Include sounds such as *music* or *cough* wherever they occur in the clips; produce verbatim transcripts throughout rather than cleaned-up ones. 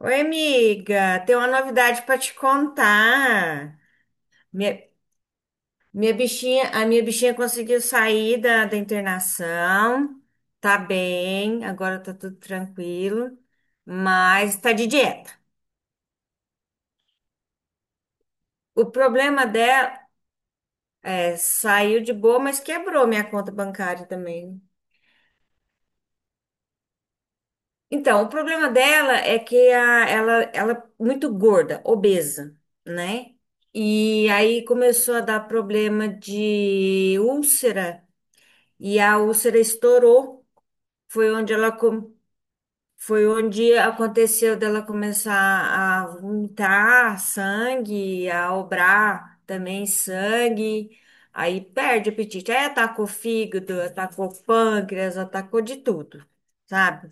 Oi, amiga, tem uma novidade para te contar. Minha, minha bichinha, a minha bichinha conseguiu sair da, da internação, tá bem, agora tá tudo tranquilo, mas tá de dieta. O problema dela é, saiu de boa, mas quebrou minha conta bancária também. Então, o problema dela é que a, ela, ela é muito gorda, obesa, né? E aí começou a dar problema de úlcera. E a úlcera estourou. Foi onde ela com- Foi onde aconteceu dela começar a vomitar sangue, a obrar também sangue. Aí perde o apetite. Aí atacou fígado, atacou pâncreas, atacou de tudo, sabe?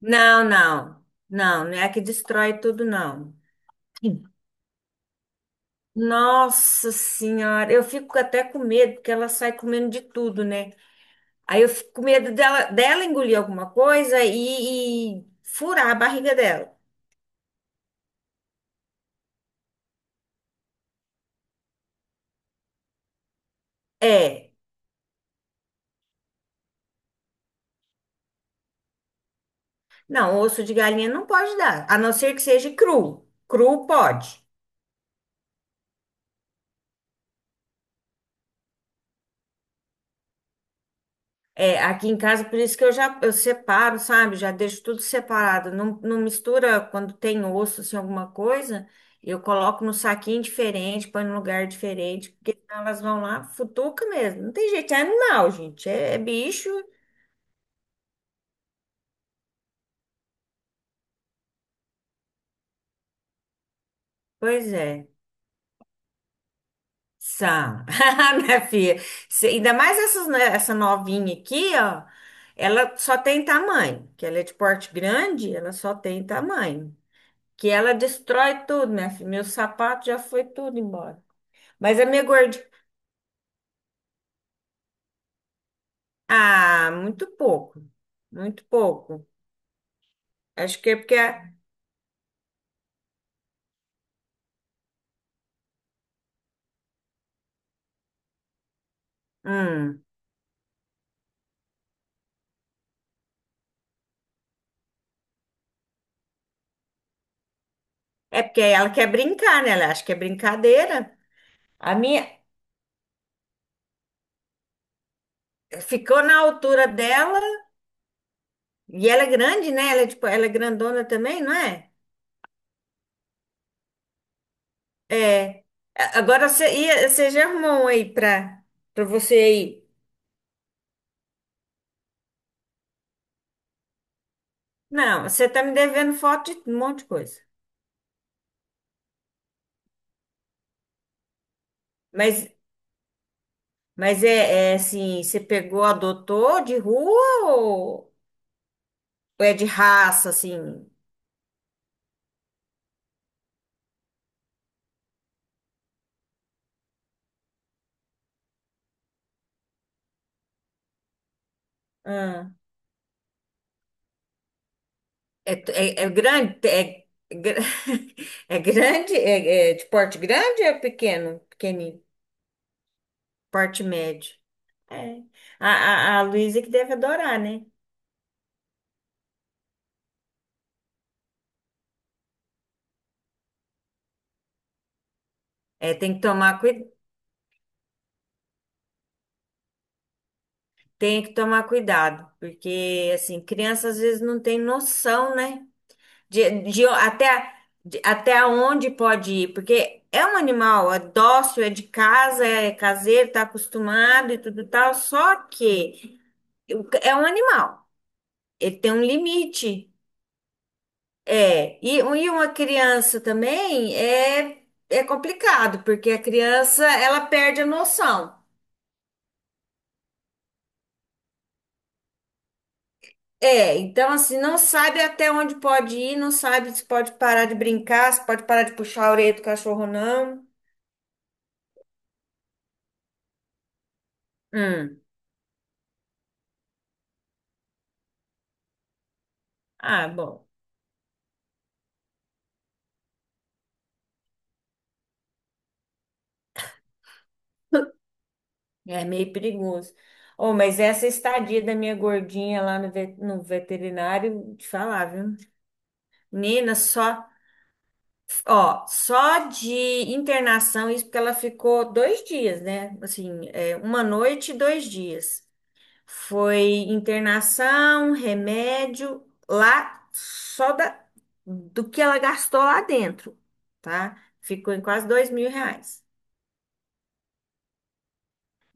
Não, não. Não, não é que destrói tudo, não. Nossa Senhora, eu fico até com medo, porque ela sai comendo de tudo, né? Aí eu fico com medo dela, dela engolir alguma coisa e, e furar a barriga dela. É. Não, osso de galinha não pode dar, a não ser que seja cru. Cru pode. É, aqui em casa, por isso que eu já eu separo, sabe? Já deixo tudo separado. Não, não mistura quando tem osso, assim, alguma coisa. Eu coloco no saquinho diferente, põe num lugar diferente, porque senão elas vão lá, futuca mesmo. Não tem jeito, é animal, gente. É, é bicho. Pois é. São, *laughs* minha filha. Se- Ainda mais essas, né, essa novinha aqui, ó. Ela só tem tamanho. Que ela é de porte grande, ela só tem tamanho. Que ela destrói tudo, minha filha. Meu sapato já foi tudo embora. Mas a minha gordinha. Ah, muito pouco. Muito pouco. Acho que é porque. Hum, é porque ela quer brincar, né? Ela acha que é brincadeira. A minha ficou na altura dela. E ela é grande, né? Ela é, tipo, ela é grandona também, não é? É. A- Agora você, ia- você já arrumou um aí pra, pra você aí? Não, você tá me devendo foto de um monte de coisa. Mas, mas é, é assim, você pegou, adotou de rua ou, ou é de raça, assim? Ah, é, é, é grande, é, é gra- *laughs* é grande, é, é de porte grande ou é pequeno? Pequenininho, porte médio. É. A, a, a Luísa que deve adorar, né? É, tem que tomar cuidado. Tem que tomar cuidado, porque assim, criança às vezes não tem noção, né? De, de até, de- Até onde pode ir, porque é um animal, é dócil, é de casa, é caseiro, tá acostumado e tudo tal, só que o c- é um animal, ele tem um limite. É, e, um- e uma criança também é, é complicado, porque a criança, ela perde a noção. É, então assim, não sabe até onde pode ir, não sabe se pode parar de brincar, se pode parar de puxar a orelha do cachorro, não. Hum. Ah, bom, é meio perigoso. Oh, mas essa estadia da minha gordinha lá no, ve- no veterinário, te falar, viu? Nina, só, ó, só de internação, isso porque ela ficou dois dias, né? Assim, é, uma noite e dois dias. Foi internação, remédio, lá só da, do que ela gastou lá dentro, tá? Ficou em quase dois mil reais.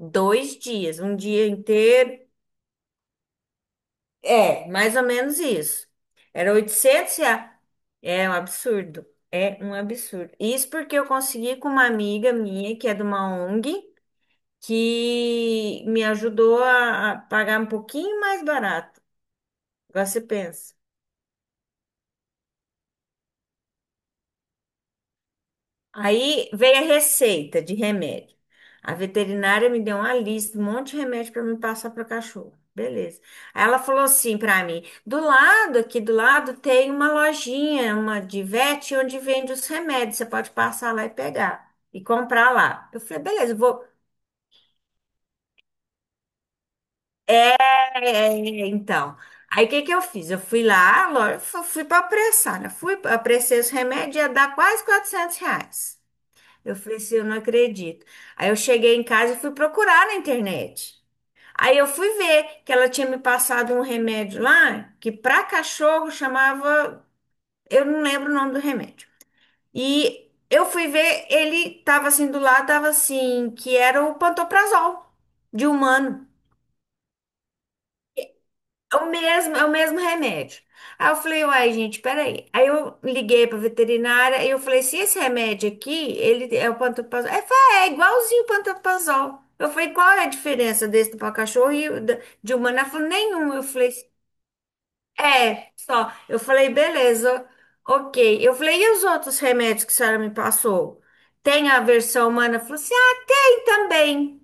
Dois dias, um dia inteiro. É, mais ou menos isso. Era oitocentos reais. É um absurdo. É um absurdo. Isso porque eu consegui com uma amiga minha, que é de uma ONG, que me ajudou a a pagar um pouquinho mais barato. Agora você pensa. Aí veio a receita de remédio. A veterinária me deu uma lista, um monte de remédio para me passar para cachorro. Beleza. Aí ela falou assim para mim: do lado, aqui do lado, tem uma lojinha, uma de vet, onde vende os remédios. Você pode passar lá e pegar e comprar lá. Eu falei: beleza, eu vou. É, é, é, então, aí o que que eu fiz? Eu fui lá, a loja- fu- fui para apressar, né? Fui, apressei os remédios, ia dar quase quatrocentos reais. Eu falei assim, eu não acredito. Aí eu cheguei em casa e fui procurar na internet. Aí eu fui ver que ela tinha me passado um remédio lá, que para cachorro chamava, eu não lembro o nome do remédio. E eu fui ver, ele tava assim do lado, tava assim, que era o pantoprazol de humano. É o mesmo, é o mesmo remédio. Aí eu falei, uai, gente, peraí. Aí eu liguei pra veterinária e eu falei, se esse remédio aqui, ele é o pantoprazol. Ela falou, é é igualzinho o pantoprazol. Eu falei, qual é a diferença desse para cachorro e o da- de humano? Ela falou, nenhum. Eu falei, é, só. Eu falei, beleza, ok. Eu falei, e os outros remédios que a senhora me passou? Tem a versão humana? Ela falou assim, ah, tem também.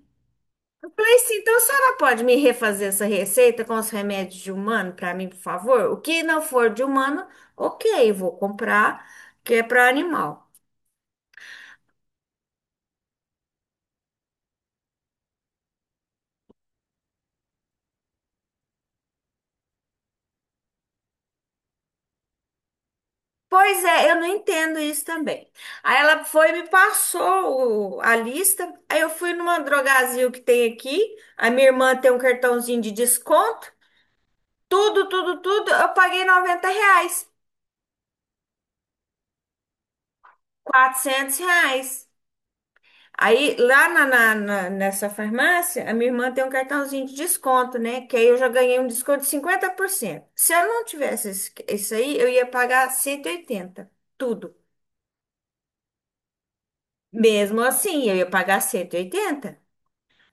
Falei assim, então a senhora pode me refazer essa receita com os remédios de humano para mim, por favor? O que não for de humano, ok, vou comprar, que é para animal. Pois é, eu não entendo isso também. Aí ela foi e me passou o- a lista. Aí eu fui numa drogazil que tem aqui. A minha irmã tem um cartãozinho de desconto. Tudo, tudo, tudo. Eu paguei noventa reais, quatrocentos reais. Aí, lá na, na- na- nessa farmácia, a minha irmã tem um cartãozinho de desconto, né? Que aí eu já ganhei um desconto de cinquenta por cento. Se eu não tivesse esse- isso aí, eu ia pagar cento e oitenta. Tudo. Mesmo assim, eu ia pagar cento e oitenta.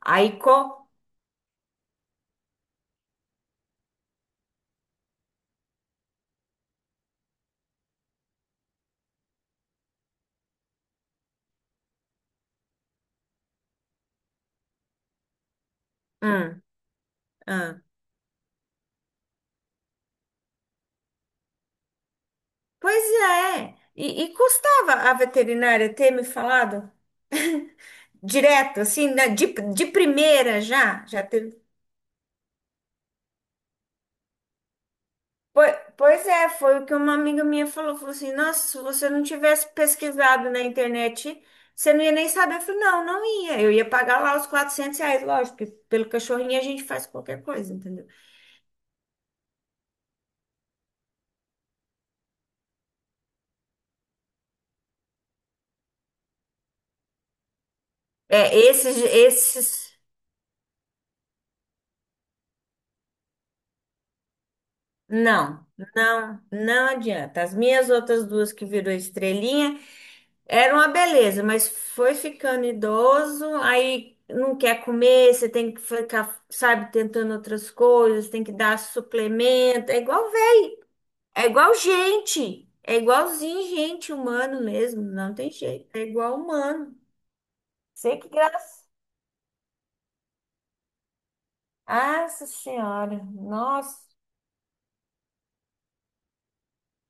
Aí, co... Hum, hum. Pois é. E, e custava a veterinária ter me falado *laughs* direto, assim, na- de, de primeira já, já teve. Pois pois é, foi o que uma amiga minha falou. Falou assim: Nossa, se você não tivesse pesquisado na internet, você não ia nem saber. Eu falei: Não, não ia. Eu ia pagar lá os quatrocentos reais, lógico, porque pelo cachorrinho a gente faz qualquer coisa, entendeu? É, esses, esses. Não, não, não adianta. As minhas outras duas que virou estrelinha eram uma beleza, mas foi ficando idoso, aí não quer comer, você tem que ficar, sabe, tentando outras coisas, tem que dar suplemento. É igual velho, é igual gente, é igualzinho gente humano mesmo, não tem jeito, é igual humano. Sei que graça. Nossa Senhora, nossa.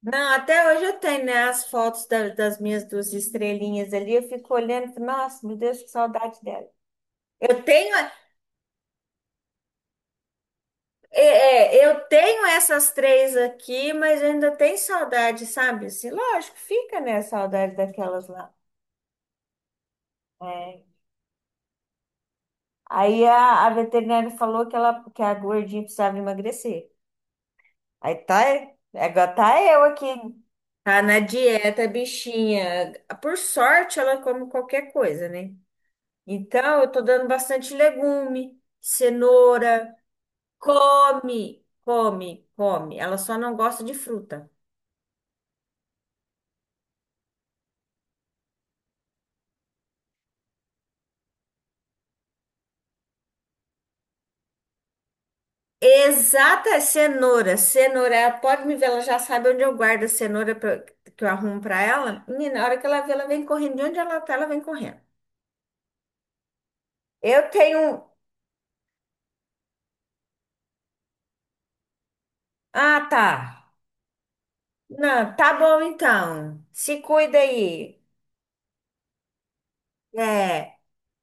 Não, até hoje eu tenho, né, as fotos da- das minhas duas estrelinhas ali. Eu fico olhando, e falo, nossa, meu Deus, que saudade dela. Eu tenho, é, é, eu tenho essas três aqui, mas eu ainda tenho saudade, sabe? Assim, lógico, fica, né, a saudade daquelas lá. É. Aí a, a veterinária falou que ela, que a gordinha precisava emagrecer. Aí tá, é, agora tá eu aqui. Tá na dieta, bichinha. Por sorte, ela come qualquer coisa, né? Então, eu tô dando bastante legume, cenoura, come, come, come. Ela só não gosta de fruta. Exata cenoura, cenoura, ela pode me ver, ela já sabe onde eu guardo a cenoura pra- que eu arrumo pra ela. Menina, na hora que ela vê, ela vem correndo, de onde ela tá, ela vem correndo. Eu tenho. Um, ah, tá. Não, tá bom então. Se cuida aí. É.